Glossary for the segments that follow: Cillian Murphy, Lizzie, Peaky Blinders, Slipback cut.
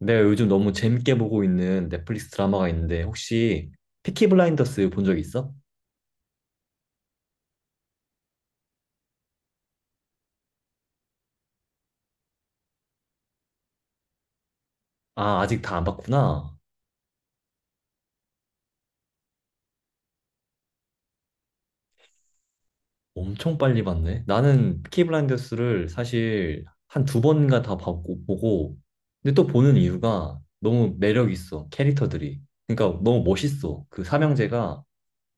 내가 요즘 너무 재밌게 보고 있는 넷플릭스 드라마가 있는데 혹시 피키 블라인더스 본 적 있어? 아, 아직 다 안 봤구나. 엄청 빨리 봤네. 나는 피키 블라인더스를 사실 한 두 번인가 다 봤고 보고 근데 또 보는 이유가 너무 매력 있어. 캐릭터들이. 그러니까 너무 멋있어. 그 삼형제가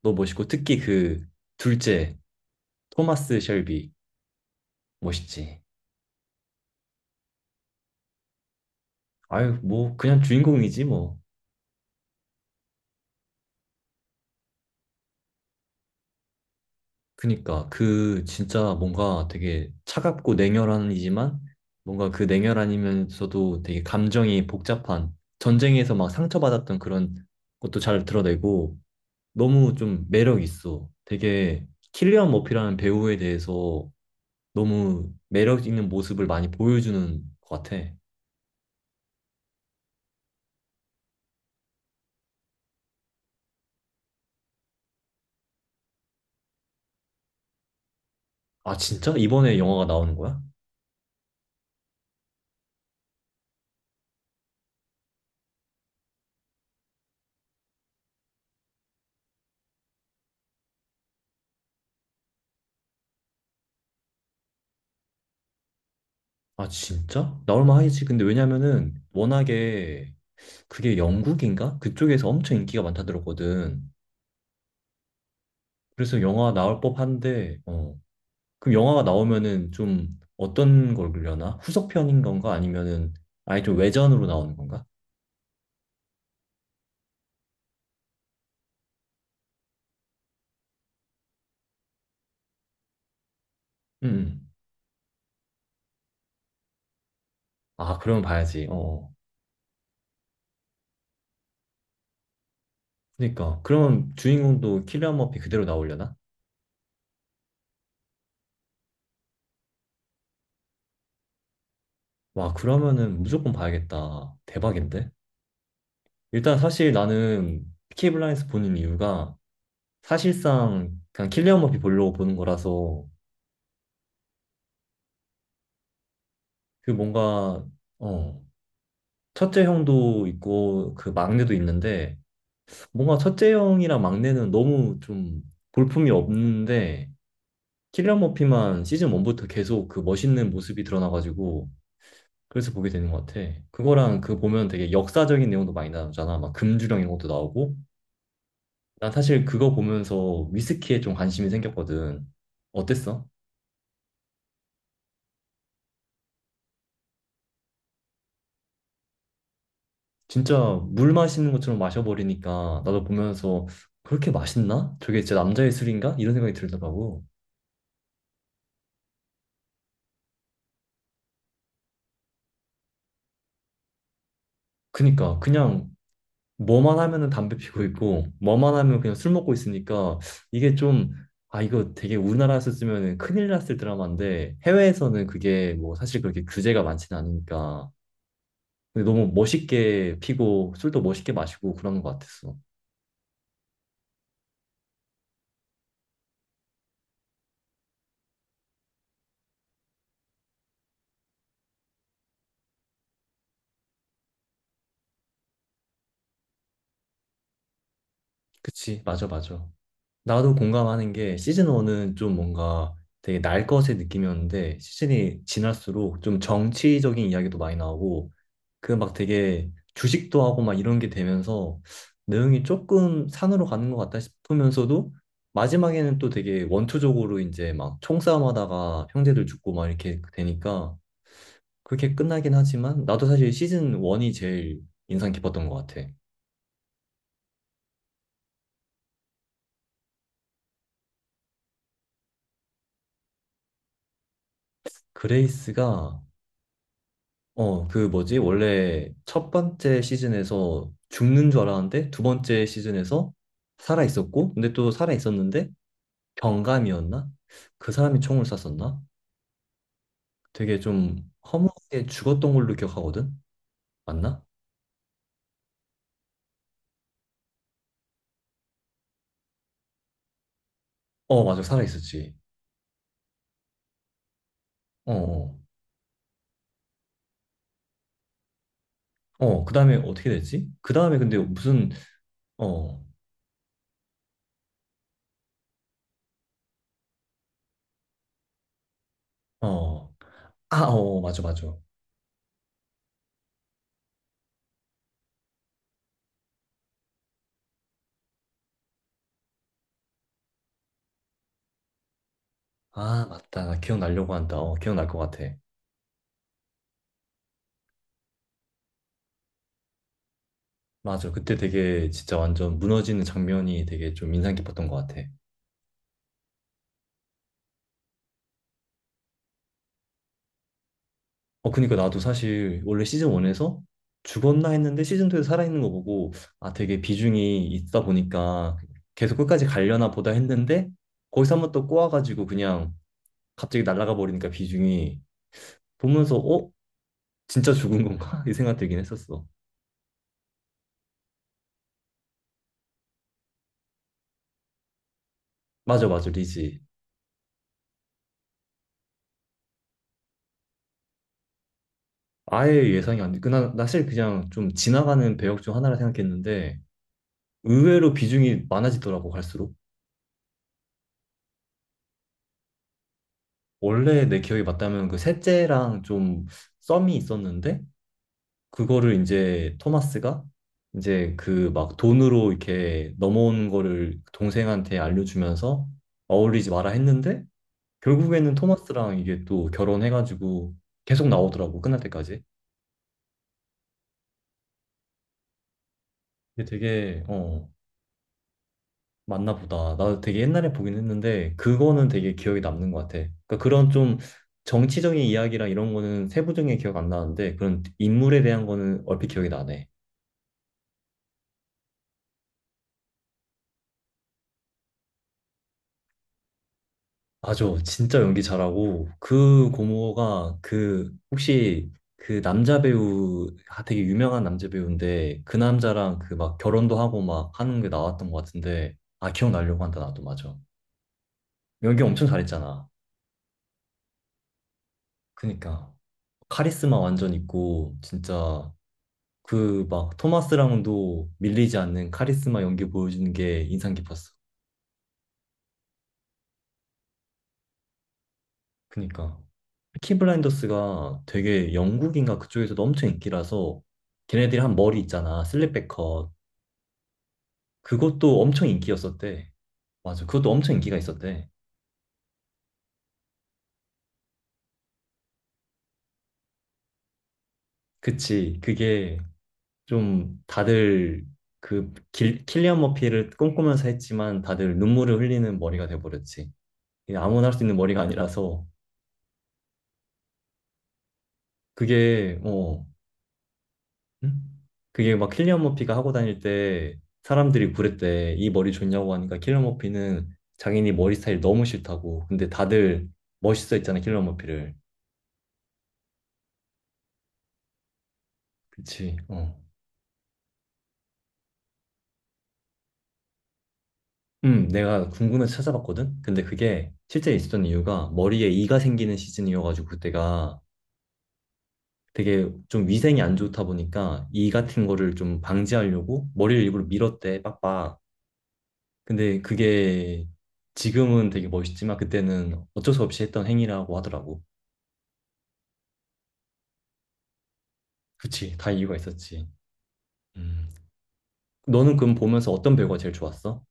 너무 멋있고 특히 그 둘째 토마스 셸비 멋있지. 아유, 뭐 그냥 주인공이지 뭐. 그니까 그 진짜 뭔가 되게 차갑고 냉혈한이지만 뭔가 그 냉혈한이면서도 되게 감정이 복잡한 전쟁에서 막 상처받았던 그런 것도 잘 드러내고 너무 좀 매력 있어. 되게 킬리안 머피라는 배우에 대해서 너무 매력 있는 모습을 많이 보여주는 것 같아. 아 진짜? 이번에 영화가 나오는 거야? 아 진짜? 나올만 하겠지. 근데 왜냐면은 워낙에 그게 영국인가? 그쪽에서 엄청 인기가 많다 들었거든. 그래서 영화 나올 법한데, 어. 그럼 영화가 나오면은 좀 어떤 걸그려나 후속편인 건가? 아니면은 아예 좀 외전으로 나오는 건가? 음. 음. 아, 그러면 봐야지. 어. 어. 그러니까 그러면 주인공도 킬리안 머피 그대로 나오려나? 와, 그러면은 무조건 봐야겠다. 대박인데? 일단 사실 나는 피키 블라인드 보는 이유가 사실상 그냥 킬리안 머피 보려고 보는 거라서 그 뭔가 어, 첫째 형도 있고 그 막내도 있는데 뭔가 첫째 형이랑 막내는 너무 좀 볼품이 없는데 킬리안 머피만 시즌 1부터 계속 그 멋있는 모습이 드러나가지고 그래서 보게 되는 것 같아. 그거랑 그 보면 되게 역사적인 내용도 많이 나오잖아. 막 금주령 이런 것도 나오고. 난 사실 그거 보면서 위스키에 좀 관심이 생겼거든. 어땠어? 진짜 물 마시는 것처럼 마셔버리니까 나도 보면서 그렇게 맛있나? 저게 진짜 남자의 술인가? 이런 생각이 들더라고. 그니까 그냥 뭐만 하면은 담배 피고 있고 뭐만 하면 그냥 술 먹고 있으니까 이게 좀 이거 되게 우리나라에서 쓰면 큰일 났을 드라마인데 해외에서는 그게 뭐 사실 그렇게 규제가 많지는 않으니까 근데 너무 멋있게 피고 술도 멋있게 마시고 그러는 것 같았어. 그치. 맞아 맞아. 나도 공감하는 게 시즌 1은 좀 뭔가 되게 날 것의 느낌이었는데 시즌이 지날수록 좀 정치적인 이야기도 많이 나오고 그 막 되게 주식도 하고 막 이런 게 되면서 내용이 조금 산으로 가는 것 같다 싶으면서도 마지막에는 또 되게 원초적으로 이제 막 총싸움하다가 형제들 죽고 막 이렇게 되니까 그렇게 끝나긴 하지만 나도 사실 시즌 1이 제일 인상 깊었던 것 같아. 그레이스가 그 뭐지? 원래 첫 번째 시즌에서 죽는 줄 알았는데 두 번째 시즌에서 살아 있었고 근데 또 살아 있었는데 경감이었나? 그 사람이 총을 쐈었나? 되게 좀 허무하게 죽었던 걸로 기억하거든? 맞나? 어, 맞아. 살아있었지. 어, 어. 그 다음에 어떻게 됐지? 그 다음에 근데 무슨, 어, 어. 아, 맞아, 맞아. 아, 맞다. 나 기억나려고 한다. 기억날 것 같아. 맞아. 그때 되게 진짜 완전 무너지는 장면이 되게 좀 인상 깊었던 것 같아. 그니까 나도 사실 원래 시즌 1에서 죽었나 했는데 시즌 2에서 살아있는 거 보고 아, 되게 비중이 있다 보니까 계속 끝까지 가려나 보다 했는데 거기서 한번 또 꼬아가지고 그냥 갑자기 날아가 버리니까 비중이 보면서 어? 진짜 죽은 건가? 이 생각 들긴 했었어. 맞아, 맞아, 리지. 아예 예상이 안 돼. 그, 나 사실 그냥 좀 지나가는 배역 중 하나라 생각했는데 의외로 비중이 많아지더라고, 갈수록. 원래 내 기억이 맞다면 그 셋째랑 좀 썸이 있었는데 그거를 이제 토마스가 이제 그 막 돈으로 이렇게 넘어오는 거를 동생한테 알려주면서 어울리지 마라 했는데 결국에는 토마스랑 이게 또 결혼해가지고 계속 나오더라고 끝날 때까지. 근데 되게 맞나 보다. 나도 되게 옛날에 보긴 했는데 그거는 되게 기억에 남는 것 같아. 그러니까 그런 좀 정치적인 이야기랑 이런 거는 세부적인 게 기억 안 나는데 그런 인물에 대한 거는 얼핏 기억이 나네. 맞아. 진짜 연기 잘하고 그 고모가 그 혹시 그 남자 배우 아, 되게 유명한 남자 배우인데 그 남자랑 그 막 결혼도 하고 막 하는 게 나왔던 것 같은데 아 기억나려고 한다 나도 맞아. 연기 엄청 잘했잖아. 그니까 카리스마 완전 있고 진짜 그 막 토마스랑도 밀리지 않는 카리스마 연기 보여주는 게 인상 깊었어. 그니까. 피키 블라인더스가 되게 영국인가 그쪽에서도 엄청 인기라서 걔네들이 한 머리 있잖아. 슬립백 컷. 그것도 엄청 인기였었대. 맞아. 그것도 엄청 인기가 있었대. 그치. 그게 좀 다들 킬리안 머피를 꿈꾸면서 했지만 다들 눈물을 흘리는 머리가 돼버렸지. 이게 아무나 할 수 있는 머리가 아니라서 그게 어 응 그게 막 킬리안 머피가 하고 다닐 때 사람들이 그랬대. 이 머리 좋냐고 하니까 킬리안 머피는 자기네 머리 스타일 너무 싫다고. 근데 다들 멋있어 했잖아, 킬리안 머피를. 그치, 어. 내가 궁금해서 찾아봤거든? 근데 그게 실제 있었던 이유가 머리에 이가 생기는 시즌이어가지고 그때가 되게 좀 위생이 안 좋다 보니까 이 같은 거를 좀 방지하려고 머리를 일부러 밀었대, 빡빡. 근데 그게 지금은 되게 멋있지만 그때는 어쩔 수 없이 했던 행위라고 하더라고. 그치, 다 이유가 있었지. 음. 너는 그럼 보면서 어떤 배우가 제일 좋았어?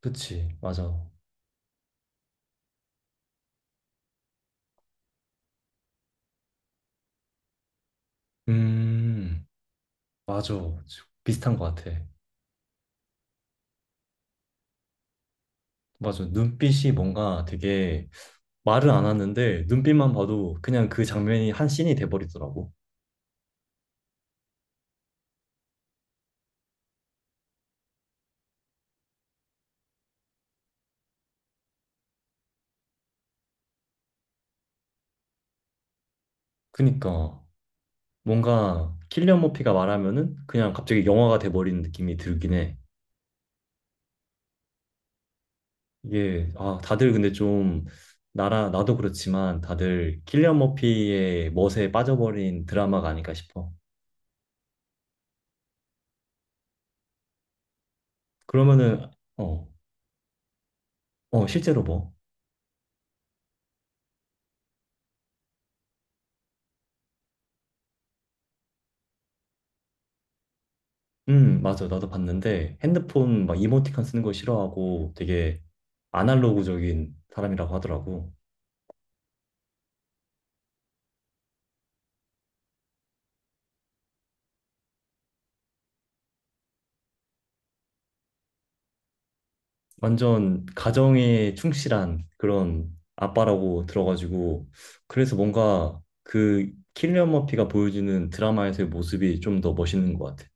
그치, 맞아. 음, 맞아. 비슷한 것 같아. 맞아. 눈빛이 뭔가 되게 말을 안 하는데 눈빛만 봐도 그냥 그 장면이 한 씬이 돼버리더라고. 그니까 뭔가 킬리안 머피가 말하면은 그냥 갑자기 영화가 돼버리는 느낌이 들긴 해. 이게, 아, 다들 근데 좀 나도 그렇지만 다들 킬리안 머피의 멋에 빠져버린 드라마가 아닐까 싶어. 그러면은 어, 실제로 뭐, 맞아 나도 봤는데 핸드폰 막 이모티콘 쓰는 거 싫어하고 되게 아날로그적인 사람이라고 하더라고. 완전 가정에 충실한 그런 아빠라고 들어가지고 그래서 뭔가 그 킬리언 머피가 보여주는 드라마에서의 모습이 좀 더 멋있는 것 같아.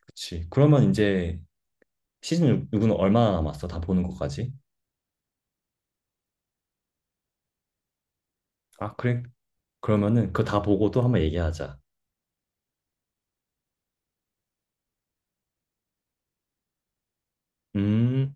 그치. 그러면 이제 시즌 6는 얼마나 남았어? 다 보는 것까지? 아, 그래. 그러면은 그거 다 보고 또 한번 얘기하자. 음.